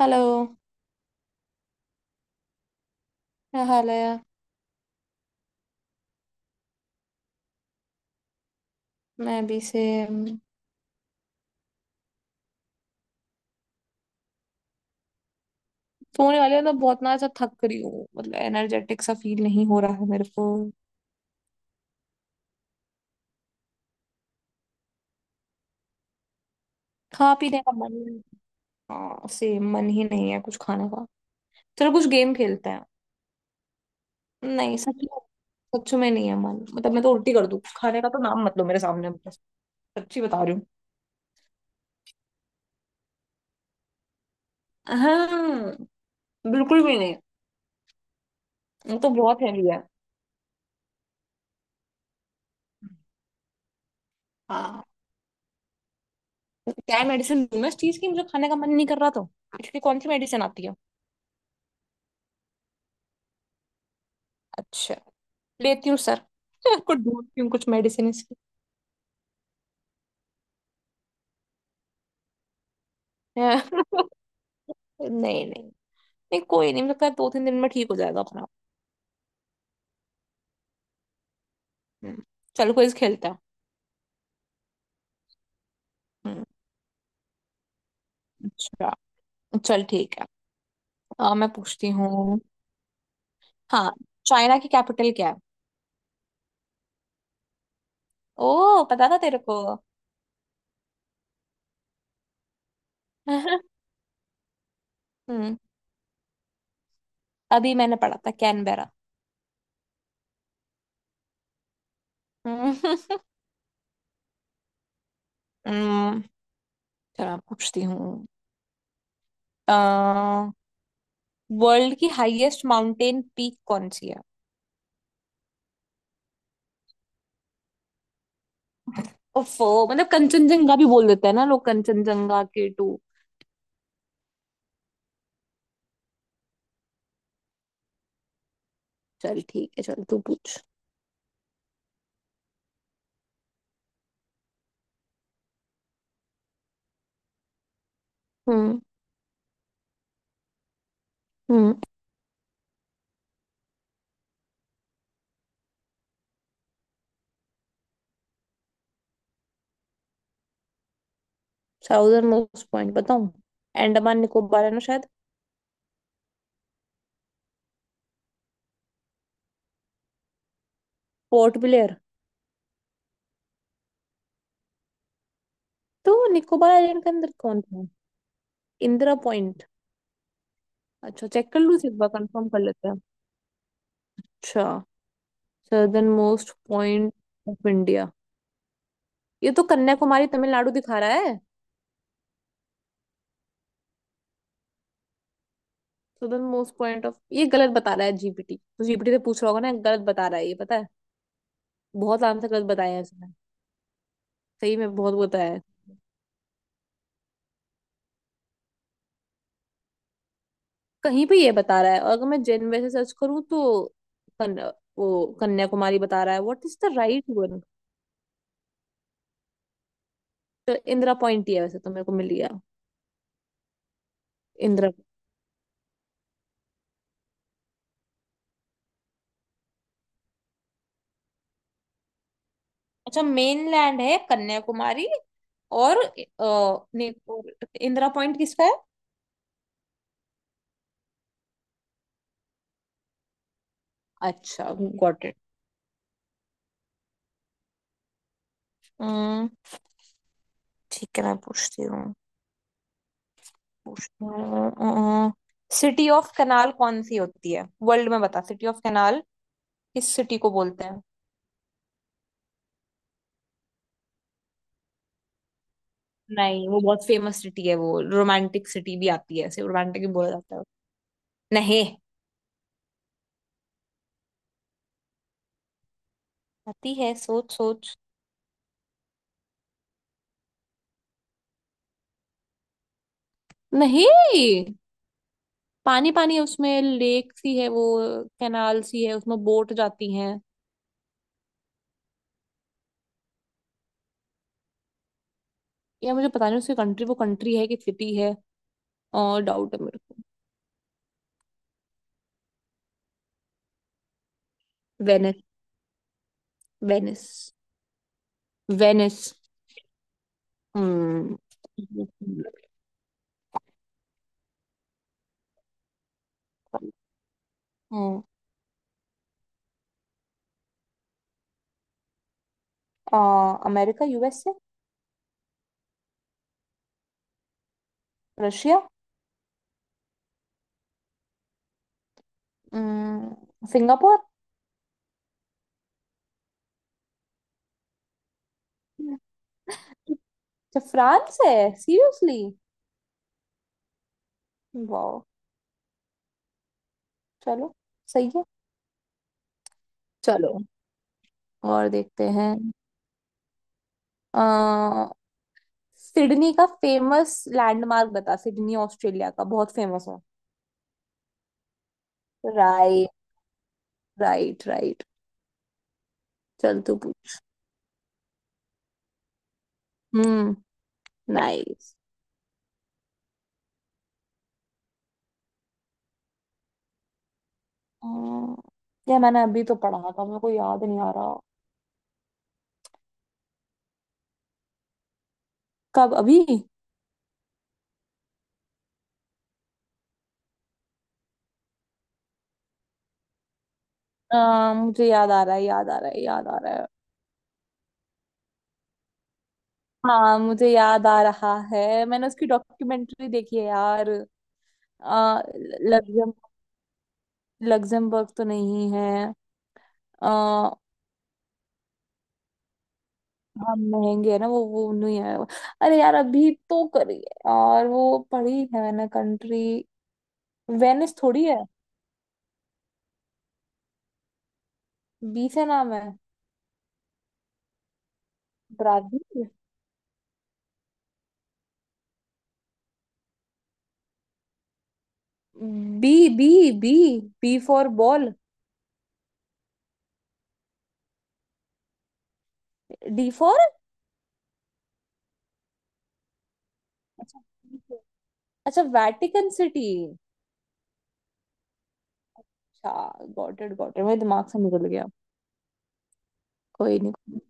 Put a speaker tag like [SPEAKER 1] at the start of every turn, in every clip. [SPEAKER 1] Hello. क्या हाल है? मैं अभी से अम, सोने वाली हूँ। मतलब बहुत ना ऐसा थक रही हूँ। मतलब एनर्जेटिक सा फील नहीं हो रहा है मेरे को। खा पीने का हाँ से मन ही नहीं है कुछ खाने का। चलो कुछ गेम खेलते हैं। नहीं सच में। सच में नहीं है मन। मतलब मैं तो उल्टी कर दूँ। खाने का तो नाम मत लो मेरे सामने बस। सच्ची बता रही हूँ। हाँ, बिल्कुल भी नहीं। वो तो बहुत हैवी है। हाँ, क्या मेडिसिन लूँ मैं? इस चीज की मुझे खाने का मन नहीं कर रहा तो इसकी कौन सी मेडिसिन आती है? अच्छा, लेती हूँ सर। आपको ढूंढती हूँ कुछ मेडिसिन इसकी। नहीं। नहीं। नहीं कोई नहीं, मुझे लगता है दो तीन दिन में ठीक हो जाएगा अपना। हम्म, चल कोई खेलता है। हम्म, अच्छा चल ठीक है। मैं पूछती हूँ। हाँ, चाइना की कैपिटल क्या है? ओ, पता था तेरे को। हम्म। अभी मैंने पढ़ा था, कैनबेरा। हम्म। हम्म, चल मैं पूछती हूँ। आ, वर्ल्ड की हाईएस्ट माउंटेन पीक कौन सी है? ओफो, मतलब कंचनजंगा भी बोल देते हैं ना लोग, कंचनजंगा के टू। चल ठीक है, चल तू पूछ। हम्म। हम्म, साउदर्न मोस्ट पॉइंट बताऊं? अंडमान निकोबार है ना शायद। Port Blair. तो निकोबार आइलैंड के अंदर कौन था? इंदिरा पॉइंट। अच्छा चेक कर लूं, एक बार कंफर्म कर लेते हैं। अच्छा, southern most point of India, ये तो कन्याकुमारी तमिलनाडु दिखा रहा है। सदर्न मोस्ट पॉइंट ऑफ, ये गलत बता रहा है जीपीटी। तो जीपीटी से पूछ रहा होगा ना, गलत बता रहा है ये, पता है? बहुत आंसर गलत बताए हैं इसने। सही में बहुत बताया है। कहीं पे ये बता रहा है, और अगर मैं जेन वैसे सर्च करूँ तो कन, वो कन्याकुमारी बता रहा है। What is the right one? तो इंदिरा पॉइंट ही है वैसे तो, मेरे को मिल गया। इंदिरा। अच्छा, मेनलैंड है कन्याकुमारी। और और इंदिरा पॉइंट किसका है? अच्छा, गॉट इट। हम्म, ठीक है मैं पूछती हूँ। पूछती हूँ सिटी ऑफ कनाल कौन सी होती है वर्ल्ड में? बता, सिटी ऑफ कनाल किस सिटी को बोलते हैं? नहीं, वो बहुत फेमस सिटी है। वो रोमांटिक सिटी भी आती है, ऐसे रोमांटिक भी बोला जाता है। नहीं, आती है, सोच सोच। नहीं, पानी पानी है उसमें, लेक सी है वो। कैनाल सी है उसमें, बोट जाती हैं। या मुझे पता नहीं उसकी कंट्री। वो कंट्री है कि सिटी है, और डाउट है मेरे को। वेनिस। वेनिस। वेनिस। हम्म। हम्म। आ, अमेरिका, यूएसए। रशिया। सिंगापुर। अच्छा फ्रांस है? सीरियसली? वाह। चलो, सही है। चलो, और देखते हैं। अ, सिडनी का फेमस लैंडमार्क बता, सिडनी ऑस्ट्रेलिया का बहुत फेमस है। राइट। Right right. चल तू पूछ। हम्म। नाइस। ये मैंने अभी तो पढ़ा था, मेरे को याद नहीं आ रहा। कब, अभी? मुझे याद आ रहा है, याद आ रहा है, याद आ रहा है। हाँ, मुझे याद आ रहा है, मैंने उसकी डॉक्यूमेंट्री देखी है यार। अ, लग्जम लग्जमबर्ग तो नहीं है? आ, हाँ महंगे है ना, वो नहीं है। अरे यार, अभी तो करी है यार, वो पढ़ी है मैंने कंट्री। वेनिस थोड़ी है। बी से नाम है। Brazil. B. B. B B for ball. D for. अच्छा B4। अच्छा, वैटिकन सिटी। अच्छा, गॉट इट गॉट इट, मेरे दिमाग से निकल गया। कोई नहीं, कोई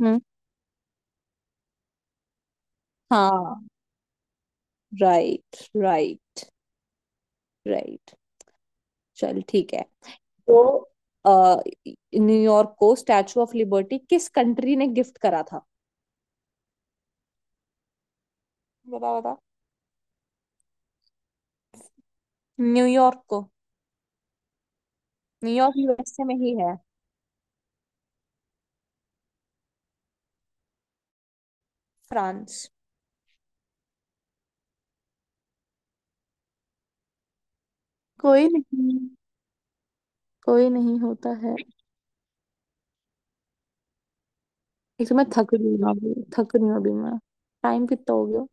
[SPEAKER 1] नहीं। हम्म। हाँ राइट। राइट। राइट। चल ठीक है। तो अ, न्यूयॉर्क को स्टैचू ऑफ लिबर्टी किस कंट्री ने गिफ्ट करा था? बता बता। न्यूयॉर्क को। न्यूयॉर्क यूएसए में ही है। फ्रांस। कोई नहीं, कोई नहीं, होता है। एक तो मैं थक रही हूँ अभी, थक रही हूँ अभी मैं। टाइम कितना हो गया?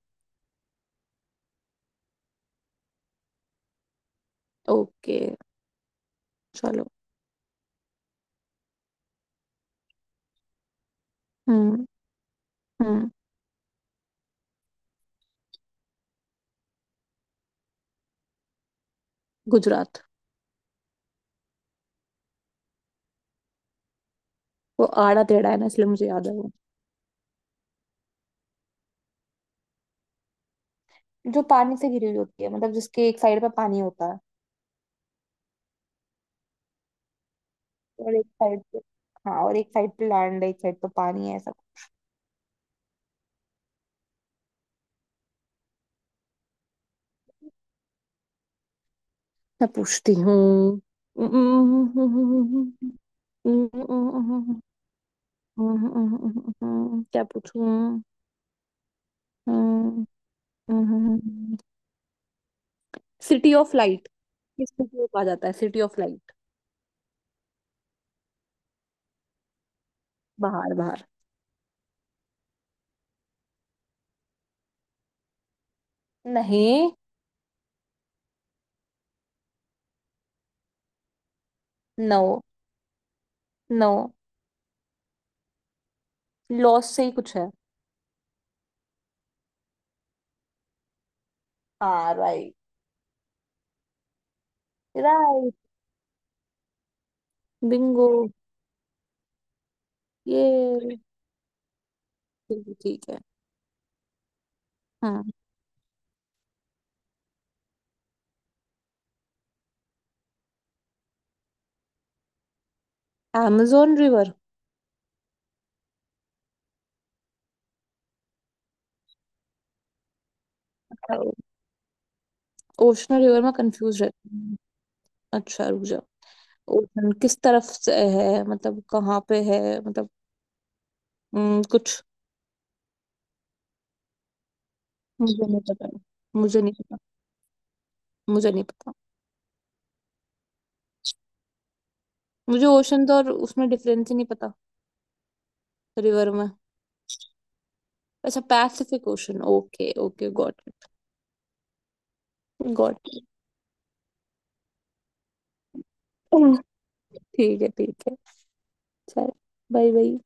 [SPEAKER 1] ओके, चलो। हम्म। हम्म। गुजरात। वो आड़ा टेढ़ा है ना, इसलिए मुझे याद है वो। जो पानी से घिरी हुई होती है, मतलब जिसके एक साइड पे पानी होता है और एक साइड पे। हाँ, और एक साइड पे लैंड, एक साइड पे पानी है। मैं पूछती हूँ। क्या पूछूं? सिटी ऑफ लाइट, किस सिटी को कहा जाता है सिटी ऑफ लाइट? बाहर, बाहर। नहीं। नो। नो, लॉस से ही कुछ है। हाँ राइट। राइट। बिंगो। ये, ठीक है। हाँ। amazon river. ओशन रिवर में कंफ्यूज रहती हूँ। अच्छा रुक जा। ओशन किस तरफ से है, मतलब कहाँ पे है, मतलब, कुछ। मुझे नहीं पता। मुझे नहीं पता। मुझे नहीं पता। मुझे ओशन तो और उसमें डिफरेंस ही नहीं पता। रिवर में। अच्छा, Pacific Ocean. Okay okay, got. Got. ठीक है, ठीक है। चल। Bye bye.